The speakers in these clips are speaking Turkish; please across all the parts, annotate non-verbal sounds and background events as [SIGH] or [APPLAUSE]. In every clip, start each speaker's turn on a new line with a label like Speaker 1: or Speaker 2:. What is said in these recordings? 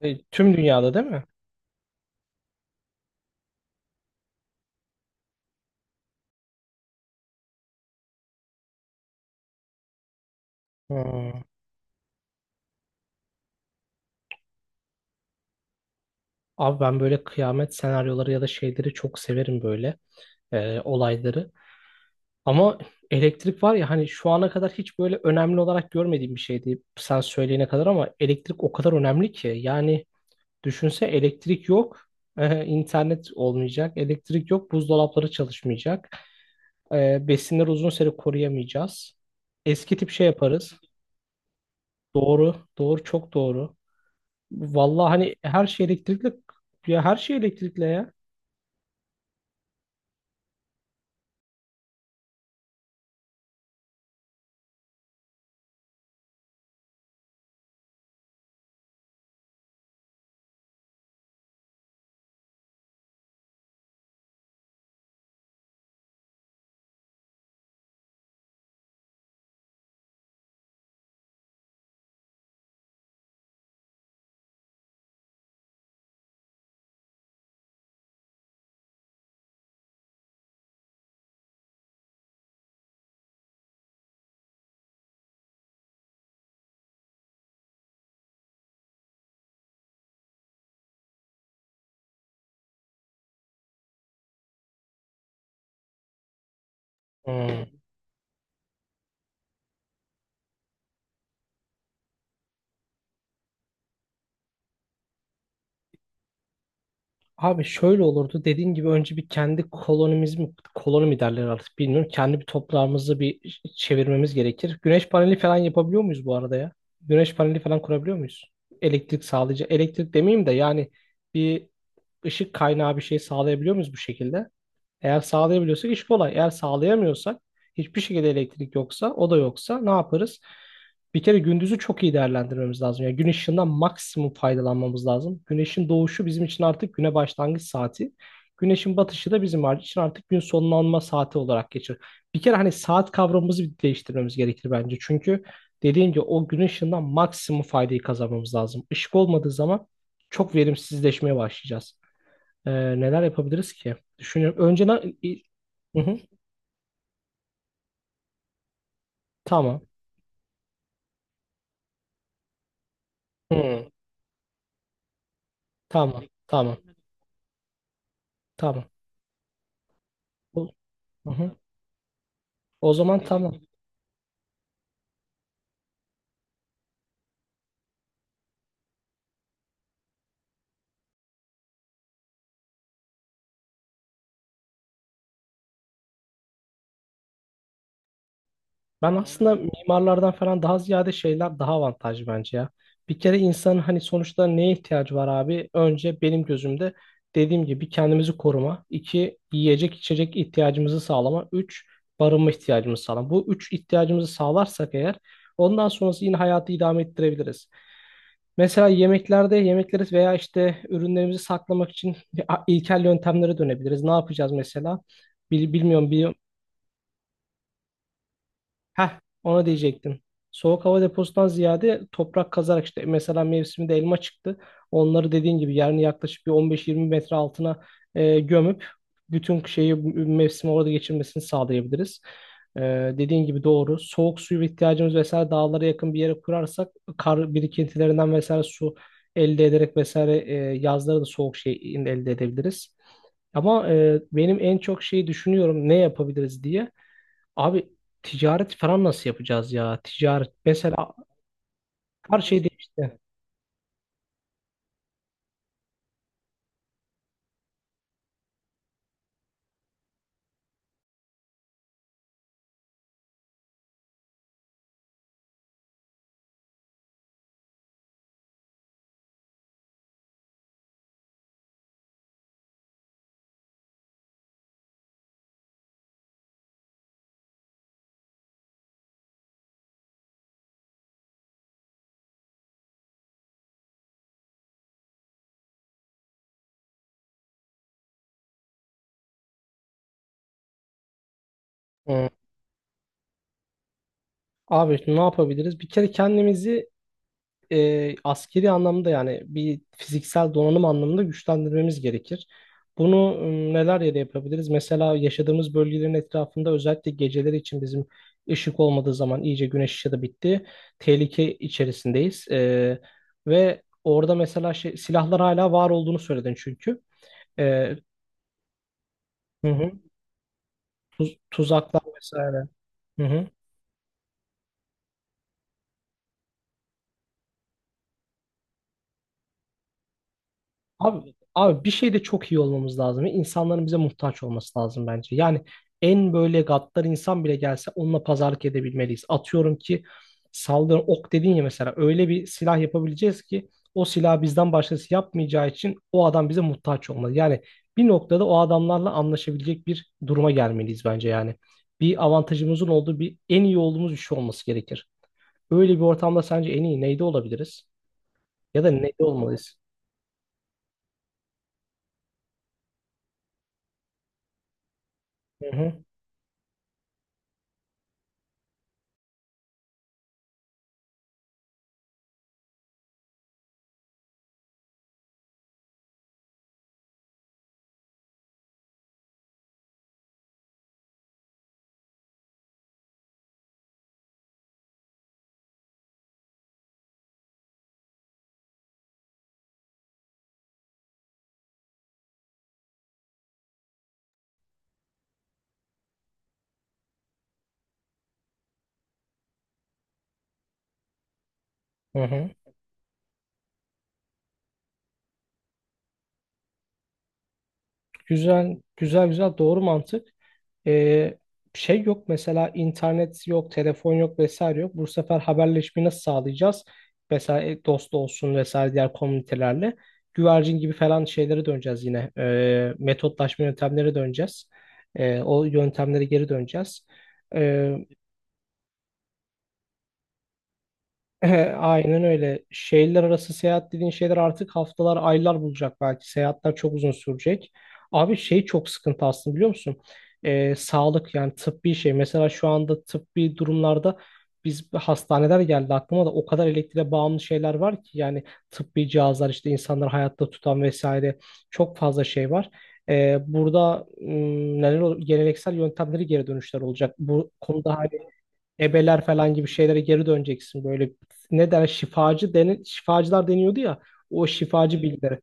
Speaker 1: Tüm dünyada değil mi? Ha. Abi ben böyle kıyamet senaryoları ya da şeyleri çok severim böyle olayları. Ama elektrik var ya, hani şu ana kadar hiç böyle önemli olarak görmediğim bir şeydi sen söyleyene kadar, ama elektrik o kadar önemli ki. Yani düşünse elektrik yok, internet olmayacak, elektrik yok, buzdolapları çalışmayacak, besinleri uzun süre koruyamayacağız. Eski tip şey yaparız. Doğru, doğru, çok doğru. Vallahi hani her şey elektrikli, ya her şey elektrikli ya. Hmm. Abi şöyle olurdu, dediğin gibi önce bir kendi kolonimiz mi, koloni mi derler artık bilmiyorum. Kendi bir toprağımızı bir çevirmemiz gerekir. Güneş paneli falan yapabiliyor muyuz bu arada ya? Güneş paneli falan kurabiliyor muyuz? Elektrik sağlayıcı, elektrik demeyeyim de yani bir ışık kaynağı bir şey sağlayabiliyor muyuz bu şekilde? Eğer sağlayabiliyorsak iş kolay. Eğer sağlayamıyorsak, hiçbir şekilde elektrik yoksa, o da yoksa ne yaparız? Bir kere gündüzü çok iyi değerlendirmemiz lazım. Yani güneş ışığından maksimum faydalanmamız lazım. Güneşin doğuşu bizim için artık güne başlangıç saati. Güneşin batışı da bizim için artık gün sonlanma saati olarak geçer. Bir kere hani saat kavramımızı bir değiştirmemiz gerekir bence. Çünkü dediğim gibi o gün ışığından maksimum faydayı kazanmamız lazım. Işık olmadığı zaman çok verimsizleşmeye başlayacağız. Neler yapabiliriz ki? Düşünüyorum. Hı hı. Tamam. Hı. Tamam. Tamam. Tamam. O, hı hı. O zaman tamam. Ben aslında mimarlardan falan daha ziyade şeyler daha avantajlı bence ya. Bir kere insanın hani sonuçta neye ihtiyacı var abi? Önce benim gözümde dediğim gibi kendimizi koruma. İki, yiyecek içecek ihtiyacımızı sağlama. Üç, barınma ihtiyacımızı sağlama. Bu üç ihtiyacımızı sağlarsak eğer ondan sonrası yine hayatı idame ettirebiliriz. Mesela yemeklerde yemekleri veya işte ürünlerimizi saklamak için [LAUGHS] ilkel yöntemlere dönebiliriz. Ne yapacağız mesela? Bilmiyorum bir Heh, ona diyecektim. Soğuk hava deposundan ziyade toprak kazarak işte mesela mevsiminde elma çıktı. Onları dediğin gibi yerini yaklaşık bir 15-20 metre altına gömüp bütün şeyi mevsimi orada geçirmesini sağlayabiliriz. E, Dediğin gibi doğru. Soğuk suyu ihtiyacımız vesaire, dağlara yakın bir yere kurarsak kar birikintilerinden vesaire su elde ederek vesaire yazları da soğuk şey elde edebiliriz. Ama benim en çok şeyi düşünüyorum ne yapabiliriz diye. Abi ticaret falan nasıl yapacağız ya? Ticaret mesela her şey değişti. Hı. Abi ne yapabiliriz? Bir kere kendimizi askeri anlamda, yani bir fiziksel donanım anlamında güçlendirmemiz gerekir. Bunu neler yere yapabiliriz? Mesela yaşadığımız bölgelerin etrafında, özellikle geceleri için bizim ışık olmadığı zaman, iyice güneş ışığı da bitti. Tehlike içerisindeyiz. Ve orada mesela şey, silahlar hala var olduğunu söyledin çünkü. E, hı hı. Tuzaklar vesaire. Hı hı. Abi bir şeyde çok iyi olmamız lazım. Ve İnsanların bize muhtaç olması lazım bence. Yani en böyle gaddar insan bile gelse onunla pazarlık edebilmeliyiz. Atıyorum ki, saldırı ok dedin ya, mesela öyle bir silah yapabileceğiz ki o silahı bizden başkası yapmayacağı için o adam bize muhtaç olmalı. Yani bir noktada o adamlarla anlaşabilecek bir duruma gelmeliyiz bence yani. Bir avantajımızın olduğu, bir en iyi olduğumuz bir şey olması gerekir. Öyle bir ortamda sence en iyi neyde olabiliriz? Ya da neli olmalıyız. Hı hı, hı hı. Güzel, güzel, güzel. Doğru mantık. Ee, şey yok mesela, internet yok, telefon yok vesaire yok. Bu sefer haberleşmeyi nasıl sağlayacağız? Mesela dost olsun vesaire diğer komünitelerle. Güvercin gibi falan şeylere döneceğiz yine. Metotlaşma yöntemlere döneceğiz. O yöntemlere geri döneceğiz. Ee, [LAUGHS] aynen öyle. Şehirler arası seyahat dediğin şeyler artık haftalar, aylar bulacak belki. Seyahatler çok uzun sürecek. Abi şey çok sıkıntı aslında, biliyor musun? Sağlık, yani tıbbi şey. Mesela şu anda tıbbi durumlarda biz, hastaneler geldi aklıma da, o kadar elektriğe bağımlı şeyler var ki yani, tıbbi cihazlar işte insanları hayatta tutan vesaire, çok fazla şey var. Burada neler olur? Geleneksel yöntemleri geri dönüşler olacak. Bu konuda hala ebeler falan gibi şeylere geri döneceksin. Böyle ne der, şifacılar deniyordu ya, o şifacı bilgileri.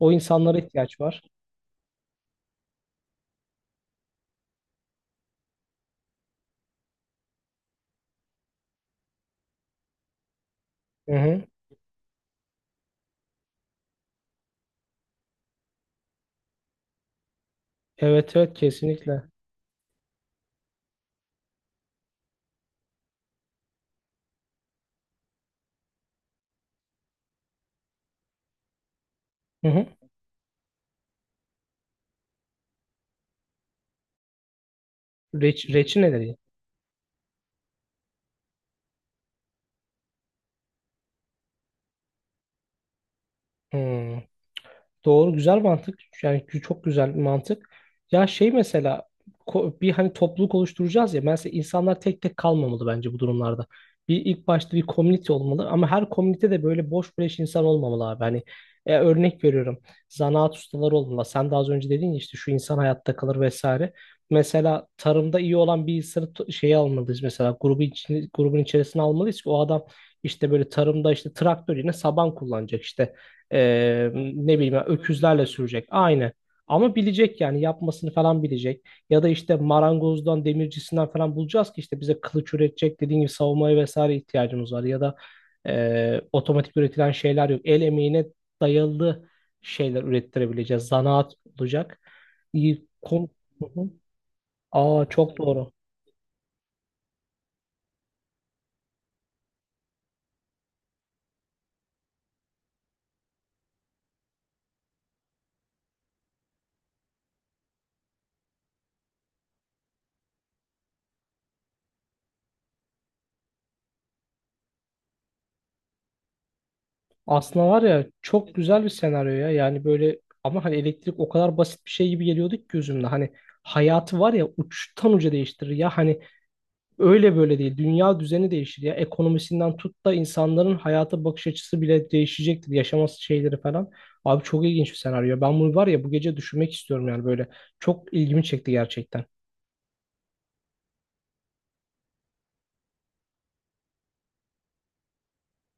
Speaker 1: O insanlara ihtiyaç var. Hı hı. Evet evet, kesinlikle. Hı hı. Reçineleri. Hı. Doğru, güzel mantık. Yani çok güzel bir mantık. Ya şey mesela, bir hani topluluk oluşturacağız ya. Mesela insanlar tek tek kalmamalı bence bu durumlarda. Bir ilk başta bir komünite olmalı ama her komünite de böyle boş beleş insan olmamalı abi. Hani örnek veriyorum. Zanaat ustaları olmalı. Sen de az önce dedin ya, işte şu insan hayatta kalır vesaire. Mesela tarımda iyi olan bir insanı şeye almalıyız mesela, grubu için, grubun içerisine almalıyız ki o adam işte böyle tarımda işte traktör yerine saban kullanacak, işte ne bileyim öküzlerle sürecek. Aynı. Ama bilecek yani, yapmasını falan bilecek. Ya da işte marangozdan, demircisinden falan bulacağız ki işte bize kılıç üretecek, dediğim gibi savunmaya vesaire ihtiyacımız var. Ya da otomatik üretilen şeyler yok. El emeğine dayalı şeyler ürettirebileceğiz. Zanaat olacak. İyi, kon- Hı hı. Aa, çok doğru. Aslında var ya, çok güzel bir senaryo ya. Yani böyle, ama hani elektrik o kadar basit bir şey gibi geliyordu ki gözümde. Hani hayatı var ya, uçtan uca değiştirir ya. Hani öyle böyle değil. Dünya düzeni değişir ya. Ekonomisinden tut da insanların hayata bakış açısı bile değişecektir. Yaşaması şeyleri falan. Abi çok ilginç bir senaryo. Ben bunu var ya bu gece düşünmek istiyorum yani böyle. Çok ilgimi çekti gerçekten.